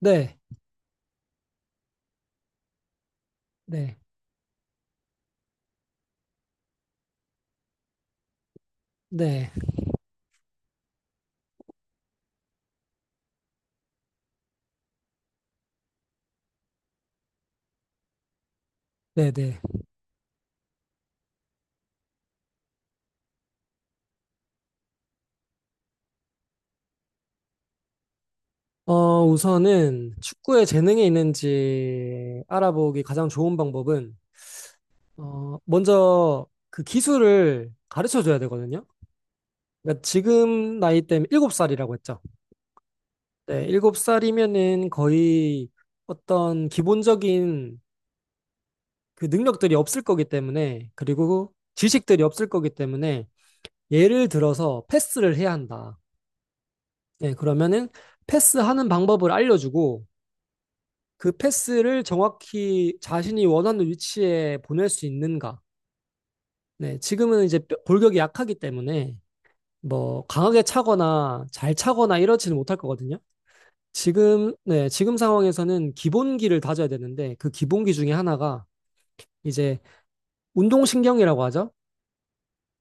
네, 네, 네, 네, 네. 우선은 축구에 재능이 있는지 알아보기 가장 좋은 방법은, 먼저 그 기술을 가르쳐 줘야 되거든요. 그러니까 지금 나이 때문에 7살이라고 했죠. 네, 7살이면은 거의 어떤 기본적인 그 능력들이 없을 거기 때문에, 그리고 지식들이 없을 거기 때문에, 예를 들어서 패스를 해야 한다. 네, 그러면은 패스하는 방법을 알려주고, 그 패스를 정확히 자신이 원하는 위치에 보낼 수 있는가. 네, 지금은 이제 골격이 약하기 때문에 뭐 강하게 차거나 잘 차거나 이러지는 못할 거거든요. 지금, 네, 지금 상황에서는 기본기를 다져야 되는데 그 기본기 중에 하나가 이제 운동신경이라고 하죠.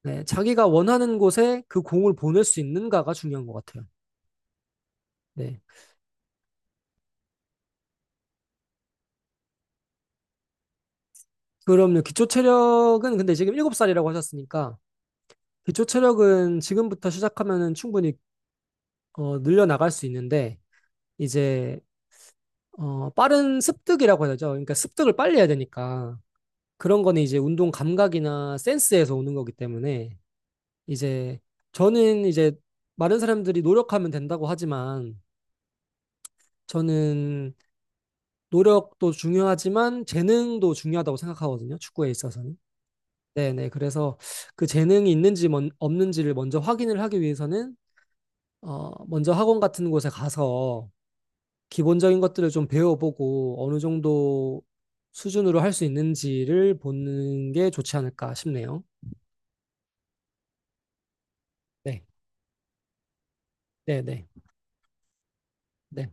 네, 자기가 원하는 곳에 그 공을 보낼 수 있는가가 중요한 것 같아요. 네. 그럼요. 기초 체력은 근데 지금 7살이라고 하셨으니까 기초 체력은 지금부터 시작하면 충분히 늘려나갈 수 있는데 이제 빠른 습득이라고 해야 되죠. 그러니까 습득을 빨리 해야 되니까 그런 거는 이제 운동 감각이나 센스에서 오는 거기 때문에 이제 저는 이제 많은 사람들이 노력하면 된다고 하지만 저는 노력도 중요하지만 재능도 중요하다고 생각하거든요. 축구에 있어서는. 네네. 그래서 그 재능이 있는지 없는지를 먼저 확인을 하기 위해서는 먼저 학원 같은 곳에 가서 기본적인 것들을 좀 배워보고 어느 정도 수준으로 할 수 있는지를 보는 게 좋지 않을까 싶네요. 네, 네, 네, 네,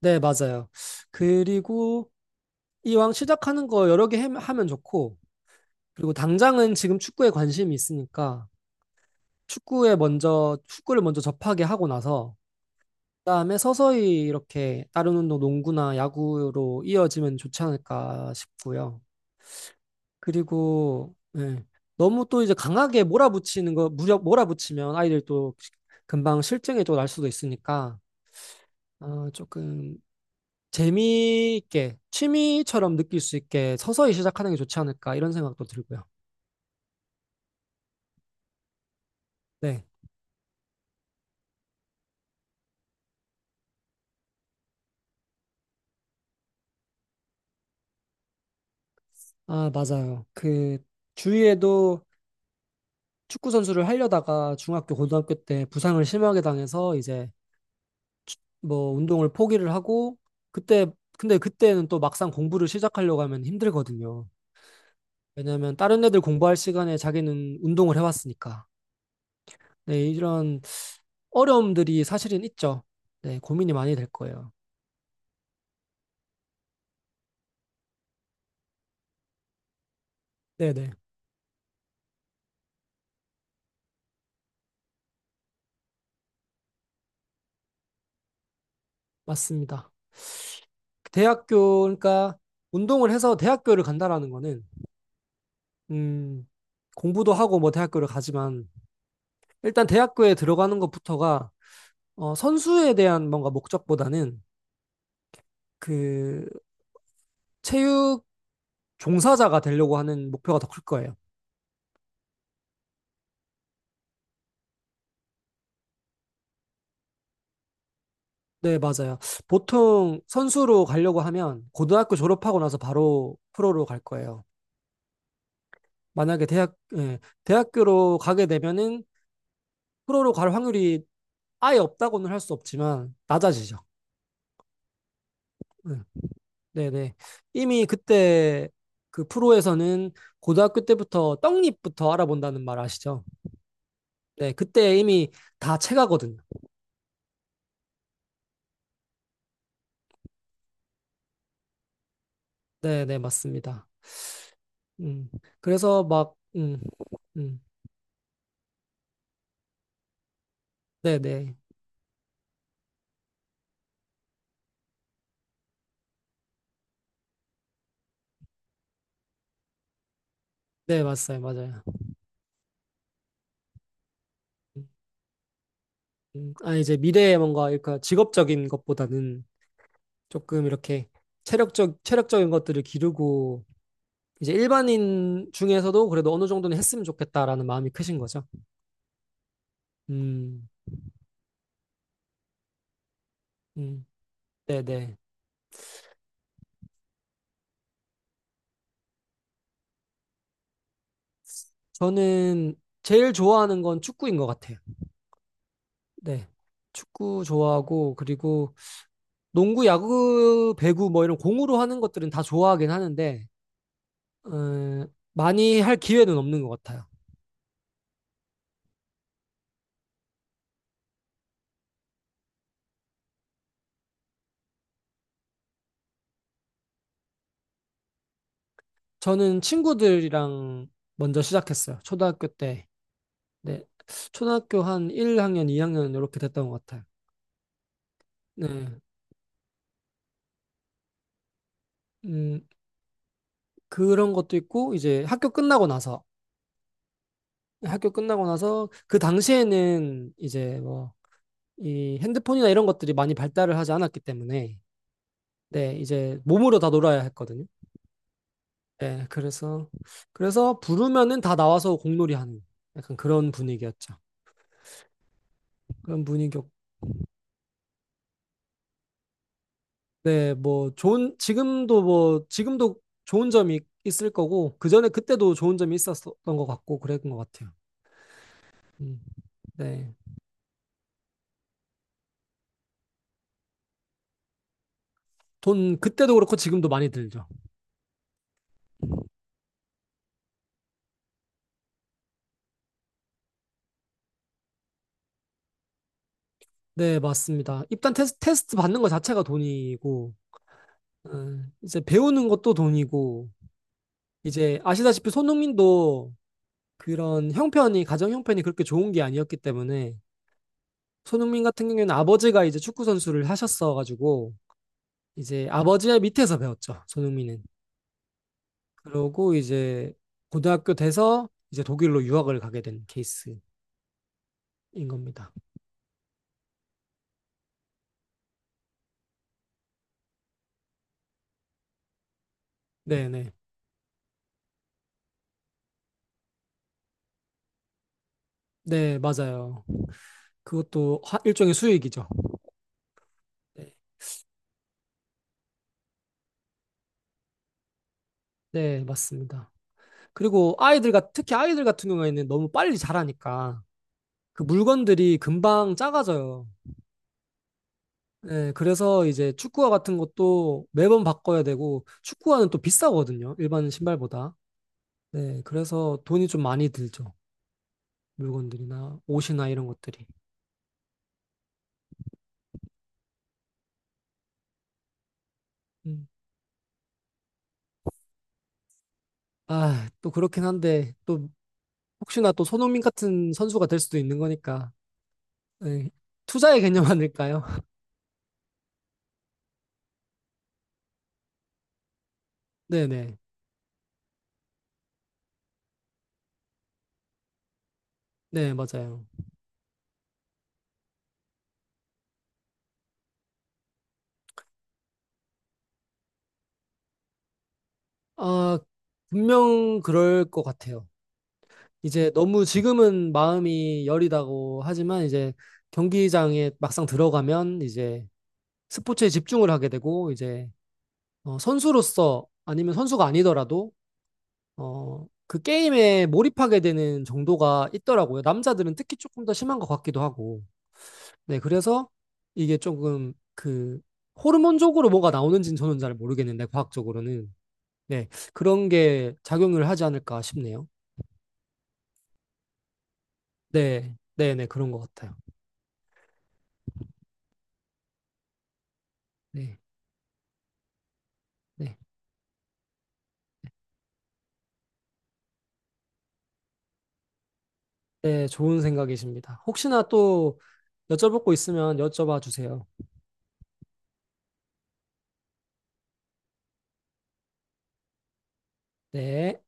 네, 맞아요. 그리고 이왕 시작하는 거 여러 개 하면 좋고, 그리고 당장은 지금 축구에 관심이 있으니까 축구에 먼저 축구를 먼저 접하게 하고 나서 그다음에 서서히 이렇게 다른 운동, 농구나 야구로 이어지면 좋지 않을까 싶고요. 그리고 예. 너무 또 이제 강하게 몰아붙이는 거 무력 몰아붙이면 아이들 또 금방 실증에 또 날 수도 있으니까 조금 재미있게 취미처럼 느낄 수 있게 서서히 시작하는 게 좋지 않을까 이런 생각도 들고요. 네. 아, 맞아요. 그 주위에도 축구 선수를 하려다가 중학교 고등학교 때 부상을 심하게 당해서 이제 뭐 운동을 포기를 하고 그때 근데 그때는 또 막상 공부를 시작하려고 하면 힘들거든요. 왜냐면 다른 애들 공부할 시간에 자기는 운동을 해왔으니까. 네, 이런 어려움들이 사실은 있죠. 네, 고민이 많이 될 거예요. 네네, 맞습니다. 대학교, 그러니까 운동을 해서 대학교를 간다라는 거는, 음, 공부도 하고 뭐 대학교를 가지만, 일단 대학교에 들어가는 것부터가, 선수에 대한 뭔가 목적보다는 그 체육 종사자가 되려고 하는 목표가 더 클 거예요. 네, 맞아요. 보통 선수로 가려고 하면 고등학교 졸업하고 나서 바로 프로로 갈 거예요. 만약에 대학, 예, 대학교로 가게 되면은 프로로 갈 확률이 아예 없다고는 할 수 없지만 낮아지죠. 예, 네네. 이미 그때 그 프로에서는 고등학교 때부터 떡잎부터 알아본다는 말 아시죠? 네, 그때 이미 다 체가거든요. 네네, 맞습니다. 음, 그래서 막, 음, 네네. 네, 맞아요, 맞아요. 아, 이제 미래에 뭔가, 그러니까 직업적인 것보다는 조금 이렇게 체력적, 체력적인 것들을 기르고, 이제 일반인 중에서도 그래도 어느 정도는 했으면 좋겠다라는 마음이 크신 거죠. 음, 음, 네네. 저는 제일 좋아하는 건 축구인 것 같아요. 네. 축구 좋아하고, 그리고 농구, 야구, 배구 뭐 이런 공으로 하는 것들은 다 좋아하긴 하는데, 어, 많이 할 기회는 없는 것 같아요. 저는 친구들이랑 먼저 시작했어요. 초등학교 때. 네. 초등학교 한 1학년, 2학년 이렇게 됐던 것 같아요. 네. 음, 그런 것도 있고, 이제 학교 끝나고 나서, 학교 끝나고 나서, 그 당시에는 이제 뭐, 이 핸드폰이나 이런 것들이 많이 발달을 하지 않았기 때문에, 네, 이제 몸으로 다 놀아야 했거든요. 네, 그래서, 그래서 부르면은 다 나와서 공놀이 하는 약간 그런 분위기였죠. 그런 분위기, 네, 뭐 좋은 지금도 뭐 지금도 좋은 점이 있을 거고 그전에 그때도 좋은 점이 있었던 것 같고 그랬던 것 같아요. 음, 네. 돈 그때도 그렇고 지금도 많이 들죠. 네, 맞습니다. 입단 테스트 받는 것 자체가 돈이고 이제 배우는 것도 돈이고 이제 아시다시피 손흥민도 그런 형편이 가정 형편이 그렇게 좋은 게 아니었기 때문에 손흥민 같은 경우에는 아버지가 이제 축구 선수를 하셨어 가지고 이제 아버지의 밑에서 배웠죠. 손흥민은. 그러고 이제 고등학교 돼서 이제 독일로 유학을 가게 된 케이스인 겁니다. 네네. 네, 네, 맞아요. 그것도 일종의 수익이죠. 네, 네, 맞습니다. 그리고 아이들과 특히 아이들 같은 경우에는 너무 빨리 자라니까 그 물건들이 금방 작아져요. 네, 그래서 이제 축구화 같은 것도 매번 바꿔야 되고 축구화는 또 비싸거든요. 일반 신발보다. 네, 그래서 돈이 좀 많이 들죠. 물건들이나 옷이나 이런 것들이. 음. 아, 또 그렇긴 한데, 또 혹시나 또 손흥민 같은 선수가 될 수도 있는 거니까. 네, 투자의 개념 아닐까요? 네네. 네, 맞아요. 아, 분명 그럴 것 같아요. 이제 너무 지금은 마음이 여리다고 하지만 이제 경기장에 막상 들어가면 이제 스포츠에 집중을 하게 되고 이제 선수로서 아니면 선수가 아니더라도 그 게임에 몰입하게 되는 정도가 있더라고요. 남자들은 특히 조금 더 심한 것 같기도 하고. 네, 그래서 이게 조금 그 호르몬적으로 뭐가 나오는지는 저는 잘 모르겠는데 과학적으로는 네, 그런 게 작용을 하지 않을까 싶네요. 네, 네, 네, 그런 것 같아요. 네, 네, 네, 좋은 생각이십니다. 혹시나 또 여쭤볼 거 있으면 여쭤봐 주세요. 네.